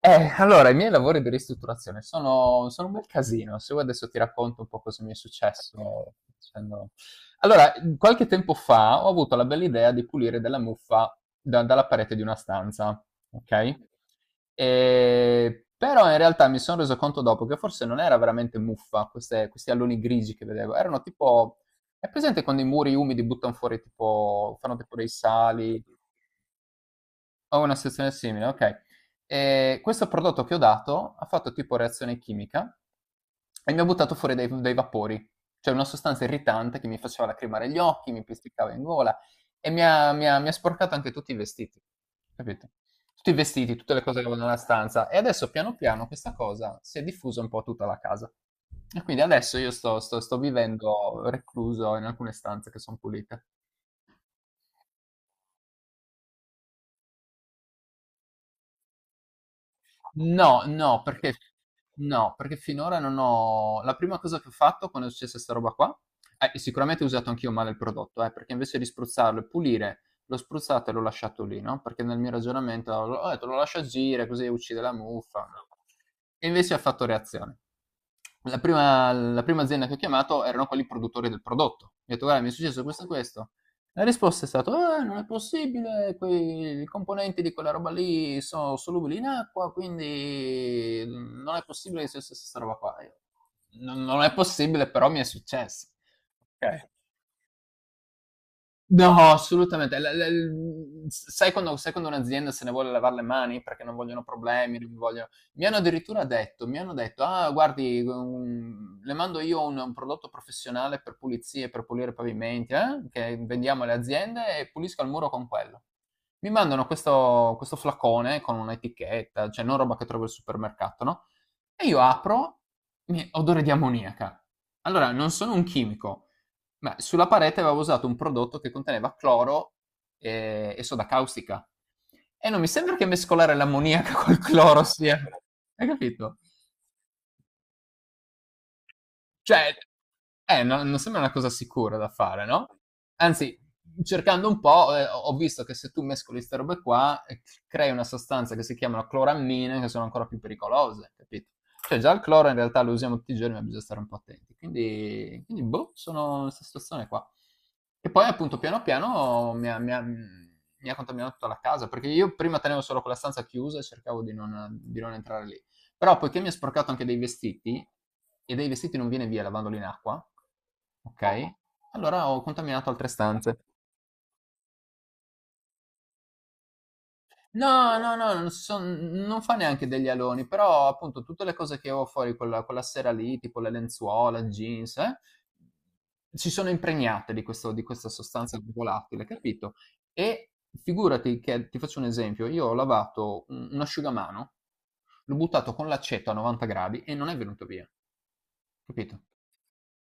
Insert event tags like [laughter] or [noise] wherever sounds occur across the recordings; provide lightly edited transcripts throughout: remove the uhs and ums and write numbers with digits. Allora, i miei lavori di ristrutturazione sono un bel casino. Se vuoi adesso ti racconto un po' cosa mi è successo. facendo- Allora, qualche tempo fa ho avuto la bella idea di pulire della muffa dalla parete di una stanza, ok? Però in realtà mi sono reso conto dopo che forse non era veramente muffa, questi alloni grigi che vedevo, erano tipo. È presente quando i muri umidi buttano fuori tipo, fanno tipo dei sali? Ho una situazione simile, okay. Questo prodotto che ho dato ha fatto tipo reazione chimica e mi ha buttato fuori dei vapori, cioè una sostanza irritante che mi faceva lacrimare gli occhi, mi piassicava in gola e mi ha sporcato anche tutti i vestiti, capito? Tutti i vestiti, tutte le cose che avevo nella stanza e adesso piano piano questa cosa si è diffusa un po' a tutta la casa. E quindi adesso io sto vivendo recluso in alcune stanze che son pulite. No, no, perché no, perché finora non ho, la prima cosa che ho fatto quando è successa 'sta roba qua, sicuramente ho usato anch'io male il prodotto, perché invece di spruzzarlo e pulire, l'ho spruzzato e l'ho lasciato lì, no, perché nel mio ragionamento ho detto: "Lo lascio agire così uccide la muffa". E invece ha fatto reazione. La prima azienda che ho chiamato erano quelli produttori del prodotto. Gli ho detto: "Guarda, mi è successo questo e questo". La risposta è stata: non è possibile, quei i componenti di quella roba lì sono solubili in acqua, quindi non è possibile che sia successa 'sta roba qua". Io: "Non è possibile, però mi è successo". Okay. Okay. No, assolutamente. La la l s sai quando un'azienda se ne vuole lavar le mani perché non vogliono problemi, non vogliono, mi hanno addirittura detto mi hanno detto: "Ah guardi, le mando io un prodotto professionale per pulizie, per pulire i pavimenti, che vendiamo alle aziende e pulisco il muro con quello." Mi mandano questo flacone con un'etichetta, cioè non roba che trovi al supermercato, no, e io apro, odore di ammoniaca. Allora, non sono un chimico, ma sulla parete avevo usato un prodotto che conteneva cloro, e, soda caustica. E non mi sembra che mescolare l'ammoniaca [laughs] col cloro sia. Hai capito? Cioè, non sembra una cosa sicura da fare, no? Anzi, cercando un po', ho visto che se tu mescoli queste robe qua, crei una sostanza che si chiamano clorammine, che sono ancora più pericolose, capito? Cioè, già il cloro in realtà lo usiamo tutti i giorni, ma bisogna stare un po' attenti. Quindi boh, sono in questa situazione qua. E poi, appunto, piano piano mi ha contaminato tutta la casa, perché io prima tenevo solo quella stanza chiusa e cercavo di non entrare lì. Però poiché mi ha sporcato anche dei vestiti, e dai vestiti non viene via lavandoli in acqua, ok? Allora ho contaminato altre stanze. No, no, no, non fa neanche degli aloni, però appunto tutte le cose che avevo fuori quella, quella sera lì, tipo le lenzuola, jeans, si sono impregnate di, di questa sostanza volatile, capito? E figurati che, ti faccio un esempio, io ho lavato un asciugamano, l'ho buttato con l'aceto a 90 gradi e non è venuto via. Capito?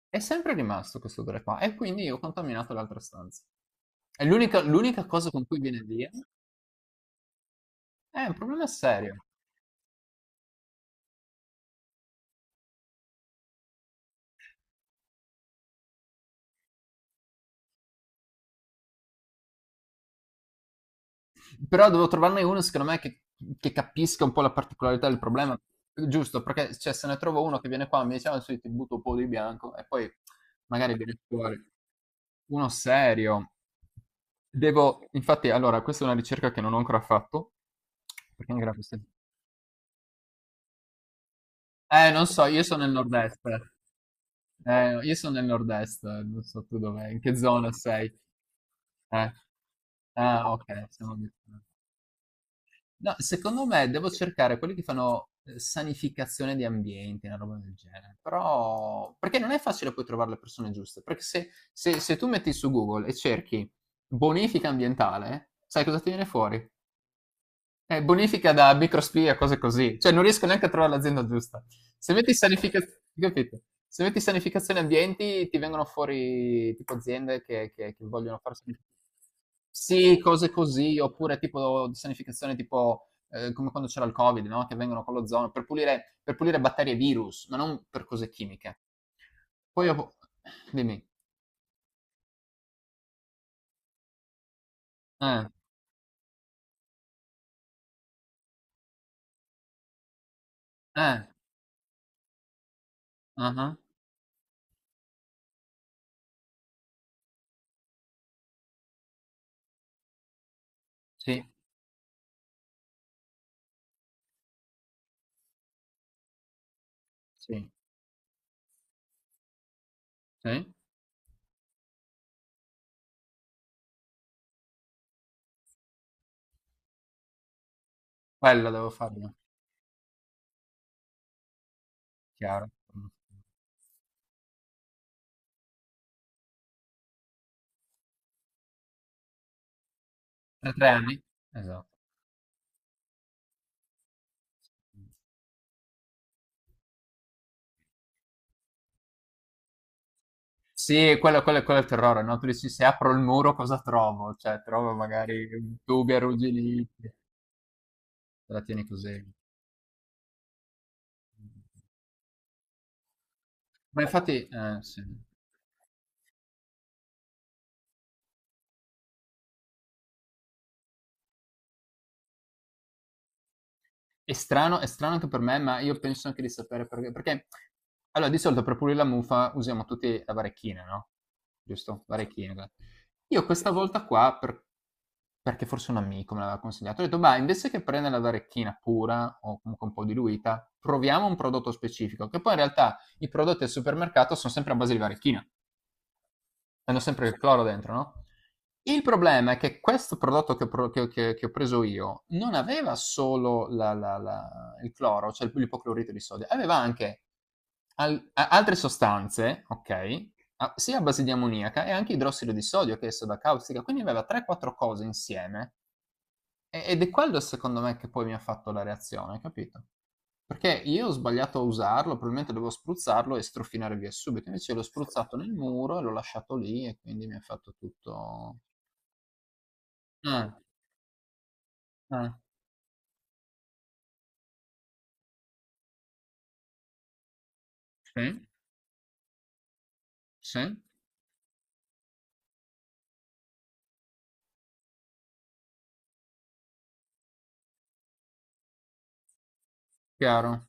È sempre rimasto questo odore qua e quindi io ho contaminato l'altra stanza. È l'unica cosa con cui viene via, un problema serio. Però devo trovarne uno, secondo me, che capisca un po' la particolarità del problema. Giusto, perché cioè, se ne trovo uno che viene qua e mi dice, ah, sì, ti butto un po' di bianco e poi magari viene fuori. Uno serio. Devo, infatti, allora, questa è una ricerca che non ho ancora fatto. Sì. Non so, io sono nel nord-est. No, io sono nel nord-est, non so tu dov'è, in che zona sei? Eh, Ah, ok, siamo di- No, secondo me devo cercare quelli che fanno, sanificazione di ambienti, una roba del genere. Però, perché non è facile poi trovare le persone giuste. Perché se, se tu metti su Google e cerchi bonifica ambientale, sai cosa ti viene fuori? Bonifica da microspia, cose così. Cioè, non riesco neanche a trovare l'azienda giusta. Se metti sanificazione, capito? Se metti sanificazione ambienti, ti vengono fuori tipo aziende che, che vogliono fare Sì, cose così, oppure tipo di sanificazione tipo, come quando c'era il Covid, no? Che vengono con l'ozono per pulire batterie e virus, ma non per cose chimiche. Poi ho. Dimmi. Eh, eh, ah, ah, sì, sì, sì. Quello devo farlo, chiaro. Mm. Tra 3 anni? Esatto. Sì, quello, quello è il terrore, no? Tu dici, se apro il muro cosa trovo? Cioè, trovo magari tubi arrugginiti, te la tieni così. Ma infatti, sì. È strano anche per me, ma io penso anche di sapere perché. Perché, allora, di solito per pulire la muffa usiamo tutti la varecchina, no? Giusto? Varecchina. Io questa volta qua, perché forse un amico me l'aveva consigliato, ho detto, ma invece che prendere la varecchina pura o comunque un po' diluita, proviamo un prodotto specifico, che poi in realtà i prodotti al supermercato sono sempre a base di varecchina. Hanno sempre il cloro dentro, no? Il problema è che questo prodotto che ho, pro- che ho preso io non aveva solo il cloro, cioè l'ipoclorito di sodio, aveva anche, altre sostanze, ok? Sia a base di ammoniaca e anche idrossido di sodio che è soda caustica, quindi aveva 3-4 cose insieme, ed è quello secondo me che poi mi ha fatto la reazione, capito? Perché io ho sbagliato a usarlo, probabilmente dovevo spruzzarlo e strofinare via subito, invece l'ho spruzzato nel muro e l'ho lasciato lì e quindi mi ha fatto tutto. Ah, ah, sì, sì, chiaro.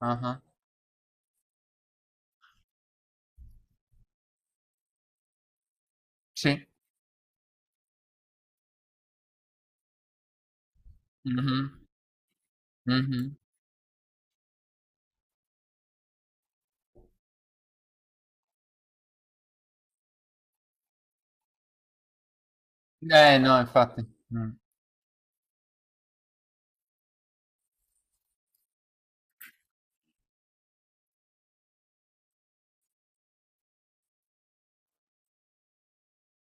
Ah, ah, sì. Mhm, mhm. Eh no, infatti. Mm.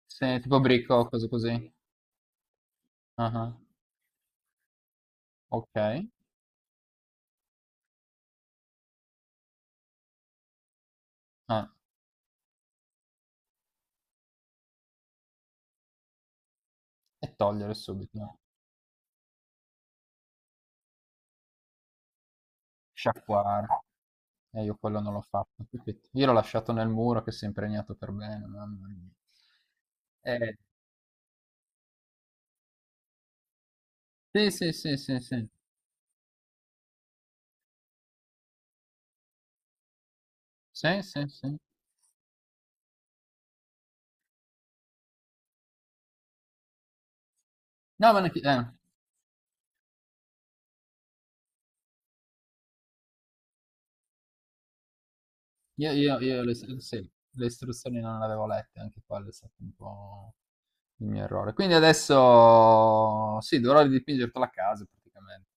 Sì, tipo bricco, o cose così. Ah, ah, ok. Ah, e togliere subito, sciacquare. E io quello non l'ho fatto, capito? Io l'ho lasciato nel muro che si è impregnato per bene, mamma mia. Eh, sì, sì, sì, sì, sì, sì, sì, sì. No, ma io, sì, le istruzioni non le avevo lette, anche quello è stato un po' il mio errore. Quindi adesso, sì, dovrò ridipingere tutta la casa praticamente.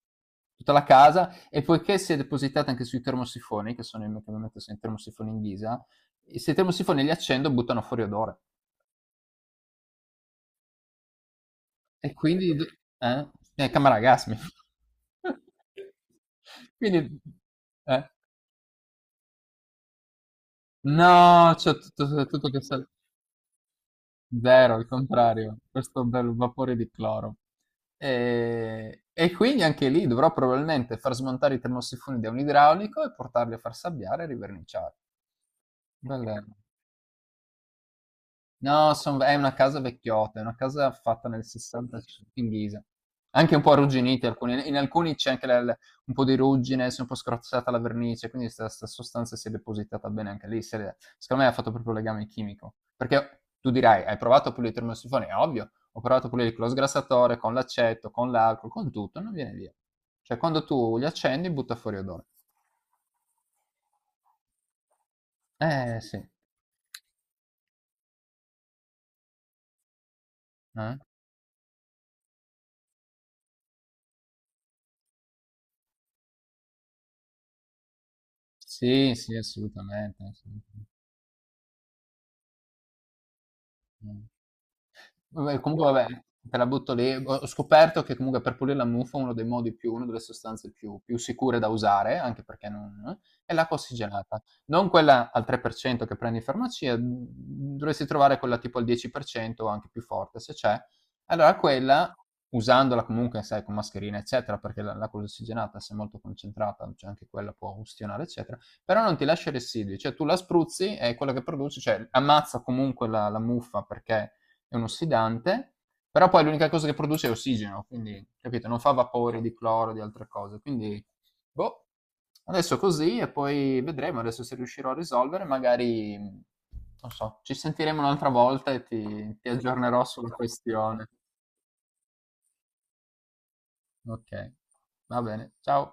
Tutta la casa, e poiché si è depositata anche sui termosifoni, che sono i che mi metto sui termosifoni in ghisa, e se i termosifoni li accendo buttano fuori odore. E quindi. Eh? Camera Gasmi. [laughs] Quindi. eh, No, c'è tutto. Zero, al contrario. Questo bel vapore di cloro. E quindi anche lì dovrò probabilmente far smontare i termosifoni da un idraulico e portarli a far sabbiare e riverniciare. Bella- No, è una casa vecchiotta, è una casa fatta nel 60 in ghisa. Anche un po' arrugginite, in alcuni c'è anche, un po' di ruggine, si è un po' scrozzata la vernice, quindi questa sostanza si è depositata bene anche lì. Secondo me ha fatto proprio legame chimico. Perché tu dirai, hai provato a pulire il termosifone? È ovvio, ho provato a pulire con lo sgrassatore, con l'aceto, con l'alcol, con tutto, non viene via. Cioè, quando tu li accendi, butta fuori odore. Sì. Eh? Sì, sì, assolutamente. Assolutamente. Vabbè, comunque vabbè, te la butto lì. Ho scoperto che comunque per pulire la muffa uno dei modi più, una delle sostanze più sicure da usare, anche perché non, è l'acqua ossigenata. Non quella al 3% che prendi in farmacia, dovresti trovare quella tipo al 10% o anche più forte, se c'è. Allora quella, usandola comunque, sai, con mascherina, eccetera, perché l'acqua ossigenata, se è molto concentrata, cioè anche quella può ustionare, eccetera, però non ti lascia residui, cioè tu la spruzzi e quello che produci, cioè ammazza comunque la muffa perché è uno sfidante, però poi l'unica cosa che produce è ossigeno, quindi capito, non fa vapori di cloro, di altre cose, quindi boh, adesso così e poi vedremo adesso se riuscirò a risolvere, magari non so, ci sentiremo un'altra volta e ti aggiornerò sulla questione. Ok, va bene, ciao.